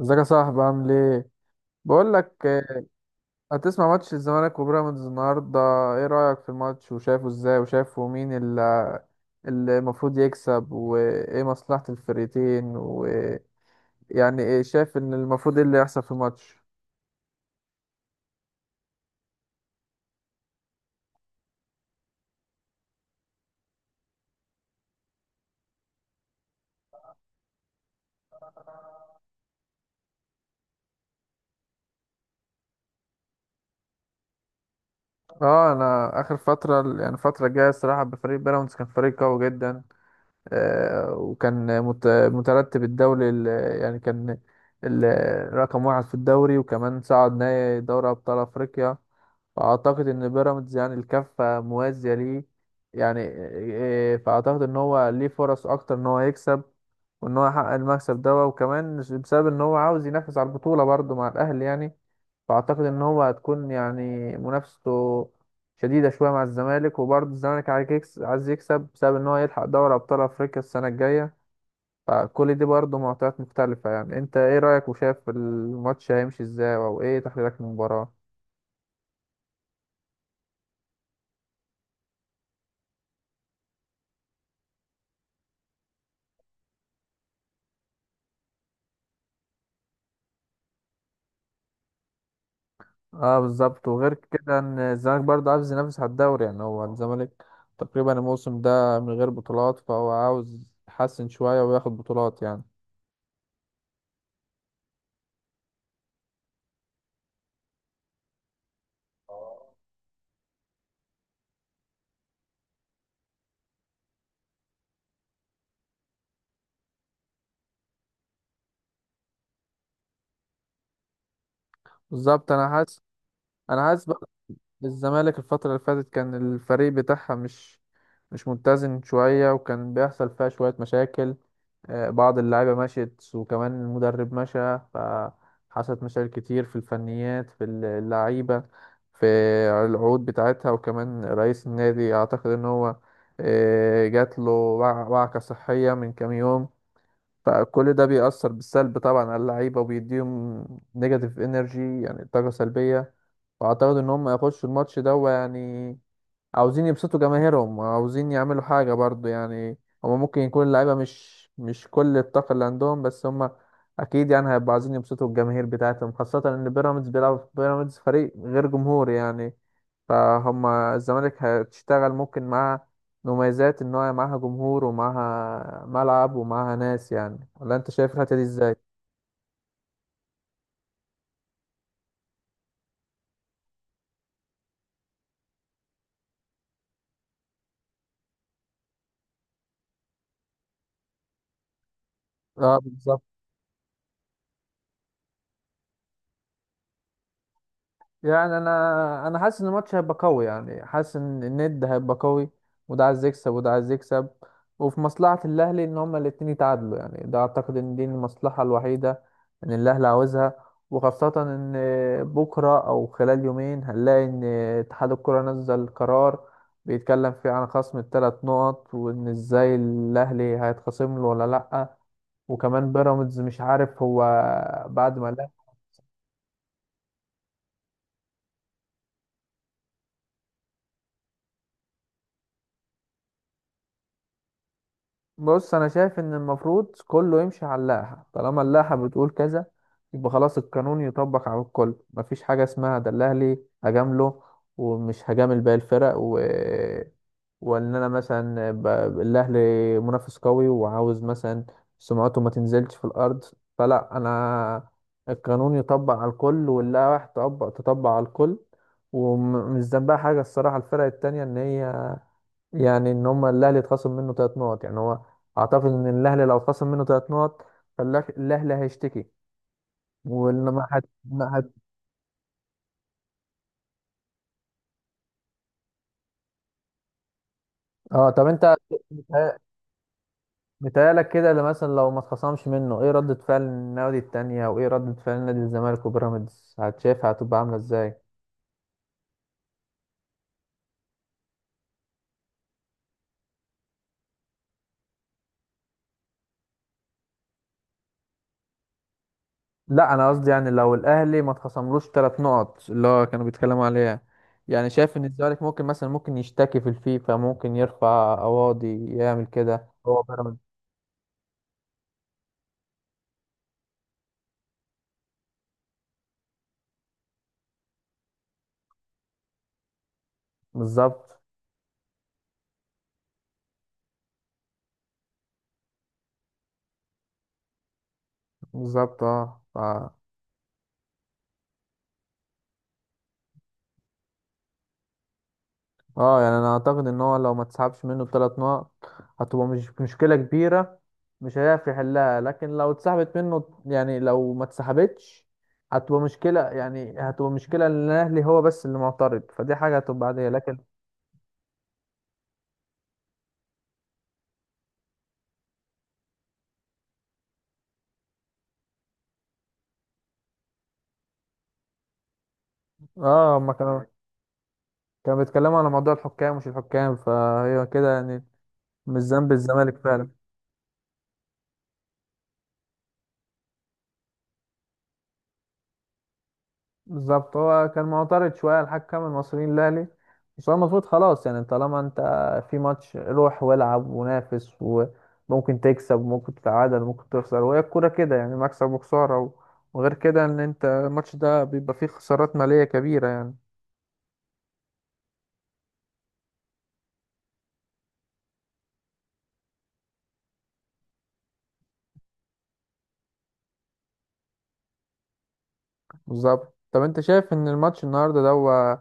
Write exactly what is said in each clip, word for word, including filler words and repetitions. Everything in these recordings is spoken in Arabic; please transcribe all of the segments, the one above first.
ازيك يا صاحبي؟ عامل ايه؟ بقول لك، آه، هتسمع ماتش الزمالك وبيراميدز النهارده؟ ايه رأيك في الماتش؟ وشايفه ازاي؟ وشايفه مين اللي اللي المفروض يكسب؟ وايه مصلحة الفريقين؟ ويعني ايه شايف ان المفروض ايه اللي يحصل في الماتش؟ اه، انا اخر فترة، يعني الفترة الجاية، الصراحة، بفريق بيراميدز كان فريق قوي جدا. آه، وكان مت- مترتب الدوري، ال- يعني كان ال- رقم واحد في الدوري، وكمان صعد نهائي دوري ابطال افريقيا. فأعتقد إن بيراميدز يعني الكفة موازية ليه، يعني إيه. فأعتقد إن هو ليه فرص أكتر إن هو يكسب، وإن هو يحقق المكسب ده، وكمان بسبب إن هو عاوز ينافس على البطولة برضه مع الأهلي يعني. فأعتقد إن هو هتكون يعني منافسته شديدة شوية مع الزمالك. وبرضه الزمالك عايز يكس- عايز يكسب بسبب إن هو يلحق دوري أبطال أفريقيا السنة الجاية. فكل دي برضه معطيات مختلفة. يعني أنت إيه رأيك؟ وشايف الماتش هيمشي إزاي؟ أو إيه تحليلك للمباراة؟ اه، بالظبط. وغير كده ان الزمالك برضه عاوز ينافس على الدوري، يعني هو الزمالك تقريبا الموسم ده من غير بطولات، فهو عاوز يحسن شوية وياخد بطولات يعني. بالظبط. انا حاسس انا حاسس بقى إن الزمالك الفترة اللي فاتت كان الفريق بتاعها مش مش متزن شوية، وكان بيحصل فيها شوية مشاكل. آه، بعض اللعيبة مشيت، وكمان المدرب مشى، فحصلت مشاكل كتير في الفنيات، في اللعيبة، في العقود بتاعتها. وكمان رئيس النادي أعتقد إن هو آه، جات له وع- وعكة صحية من كام يوم. فكل ده بيأثر بالسلب طبعا على اللعيبة، وبيديهم نيجاتيف انرجي، يعني طاقة سلبية. وأعتقد إن هم هيخشوا الماتش ده، يعني عاوزين يبسطوا جماهيرهم، وعاوزين يعملوا حاجة برضو يعني. هما ممكن يكون اللعيبة مش مش كل الطاقة اللي عندهم، بس هما أكيد يعني هيبقوا عايزين يبسطوا الجماهير بتاعتهم، خاصة إن بيراميدز بيلعب بيراميدز فريق غير جمهوري يعني. فهم الزمالك هتشتغل ممكن مع مميزات إن هو معاها جمهور ومعاها ملعب ومعاها ناس يعني. ولا أنت شايف الحتة دي إزاي؟ اه، بالظبط. يعني انا انا حاسس ان الماتش هيبقى قوي، يعني حاسس ان الند هيبقى قوي، وده عايز يكسب وده عايز يكسب. وفي مصلحة الاهلي ان هما الاتنين يتعادلوا، يعني ده اعتقد ان دي المصلحة الوحيدة ان الاهلي عاوزها. وخاصة ان بكرة او خلال يومين هنلاقي ان اتحاد الكرة نزل قرار بيتكلم فيه عن خصم الثلاث نقط، وان ازاي الاهلي هيتخصم له ولا لأ. وكمان بيراميدز مش عارف هو بعد ما الاهلي... بص، انا شايف ان المفروض كله يمشي على اللائحه، طالما اللائحه بتقول كذا يبقى خلاص، القانون يطبق على الكل، مفيش حاجه اسمها ده الاهلي هجامله ومش هجامل باقي الفرق و... وان انا مثلا ب... الاهلي منافس قوي وعاوز مثلا سمعته ما تنزلش في الارض. فلا، انا القانون يطبق على الكل، واللائحه تطبق تطبق على الكل. ومش ذنبها حاجه الصراحه الفرق التانية ان هي، يعني ان هم الاهلي اتخصم منه ثلاث نقط، يعني هو اعتقد ان الاهلي لو اتخصم منه ثلاث نقط فالاهلي هيشتكي ولما هت... ما هت... اه، طب انت متهيأ- متهيألك كده اللي مثلا لو ما اتخصمش منه ايه ردة فعل النادي التانية؟ وايه ردة فعل نادي الزمالك وبيراميدز؟ هتشافها هتبقى عاملة ازاي؟ لا، انا قصدي يعني لو الاهلي ما اتخصملوش ثلاث نقط اللي هو كانوا بيتكلموا عليها، يعني شايف ان الزمالك ممكن مثلا ممكن يشتكي في الفيفا، ممكن يرفع قواضي، يعمل كده هو بيراميدز. بالظبط، بالظبط. اه، ف... اه، يعني انا اعتقد ان هو لو ما تسحبش منه بثلاث نقط هتبقى مش مشكلة كبيرة، مش هيعرف يحلها. لكن لو اتسحبت منه، يعني لو ما اتسحبتش، هتبقى مشكلة، يعني هتبقى مشكلة ان الاهلي هو بس اللي معترض، فدي حاجة هتبقى عادية. لكن... اه، هما كانوا كانوا بيتكلموا على موضوع الحكام، مش الحكام، فهي كده يعني. مش ذنب الزمالك فعلا. بالظبط. هو كان معترض شوية على الحكم المصريين الأهلي. بس هو المفروض خلاص يعني طالما أنت في ماتش روح والعب ونافس، وممكن تكسب وممكن تتعادل وممكن تخسر، وهي الكورة كده يعني، مكسب وخسارة و- وغير كده إن أنت الماتش ده بيبقى فيه خسارات مالية كبيرة يعني. بالظبط. طب أنت شايف إن الماتش النهاردة ده هو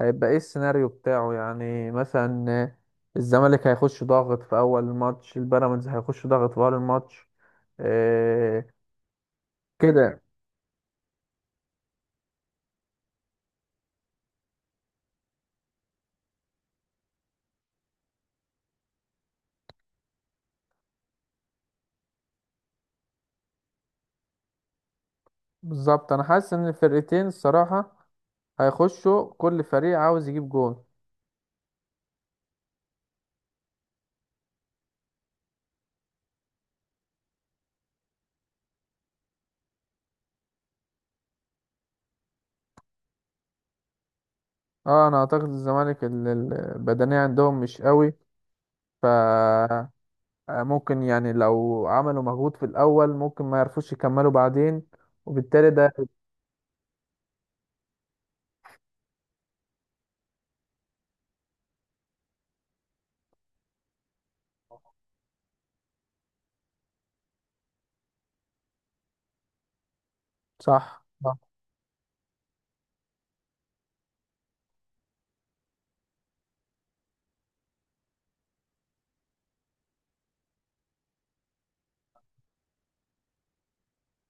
هيبقى إيه السيناريو بتاعه؟ يعني مثلا الزمالك هيخش ضاغط في أول الماتش؟ البيراميدز هيخش ضاغط في أول الماتش؟ إيه كده يعني. بالظبط. انا حاسس ان الفرقتين الصراحه هيخشوا كل فريق عاوز يجيب جون. اه، انا اعتقد الزمالك ال- ال- البدنيه عندهم مش قوي. ف ممكن يعني لو عملوا مجهود في الاول ممكن ما يعرفوش يكملوا بعدين، وبالتالي ده. صح، صح.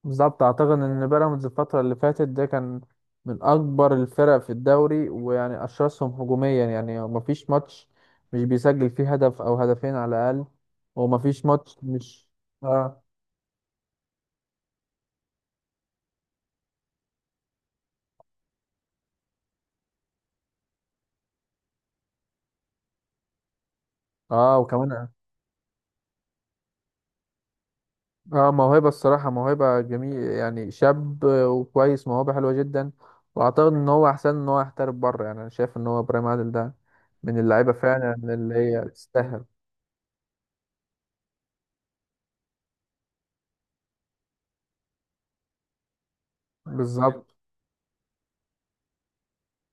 بالظبط. اعتقد ان بيراميدز الفتره اللي فاتت ده كان من اكبر الفرق في الدوري، ويعني اشرسهم هجوميا. يعني مفيش ماتش مش بيسجل فيه هدف او هدفين على الاقل. ومفيش ماتش مش اه، اه. وكمان اه موهبة الصراحة، موهبة جميل، يعني شاب وكويس، موهبة حلوة جدا. واعتقد ان هو احسن ان هو يحترف بره، يعني انا شايف ان هو ابراهيم عادل ده من اللعيبة فعلا اللي هي تستاهل. بالظبط.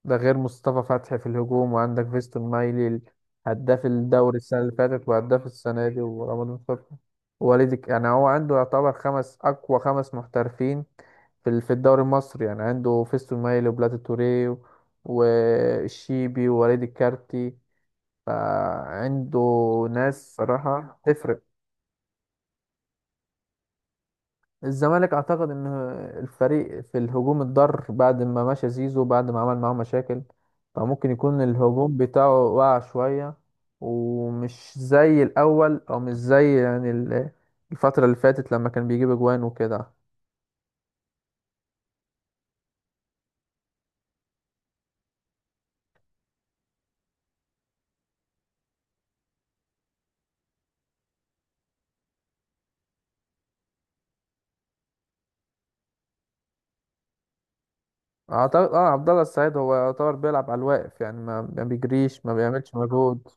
ده غير مصطفى فتحي في الهجوم، وعندك فيستون مايلي، هداف الدوري السنة اللي فاتت وهداف السنة دي، ورمضان صبحي. ووالدك يعني هو عنده يعتبر خمس أقوى خمس محترفين في ال- في الدوري المصري، يعني عنده فيستون مايلي وبلاتي توريه و- والشيبي ووليد الكارتي. فعنده ناس صراحة تفرق. الزمالك اعتقد ان الفريق في الهجوم اتضر بعد ما مشى زيزو، بعد ما عمل معاه مشاكل. فممكن يكون الهجوم بتاعه وقع شوية، ومش زي الاول، او مش زي يعني ال- الفترة اللي فاتت لما كان بيجيب اجوان وكده. اعتقد اه عبد الله السعيد هو يعتبر بيلعب على الواقف، يعني ما ما بيجريش، ما بيعملش مجهود.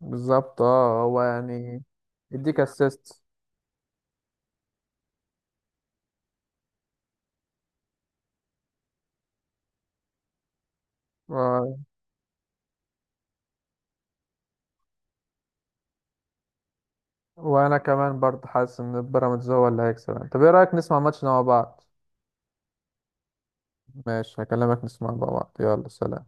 بالظبط. اه هو يعني يديك اسيست. وانا كمان برضه حاسس ان بيراميدز هو اللي هيكسب يعني. طب ايه رايك نسمع ماتشنا مع بعض؟ ماشي، هكلمك، نسمع مع بعض، يلا، سلام.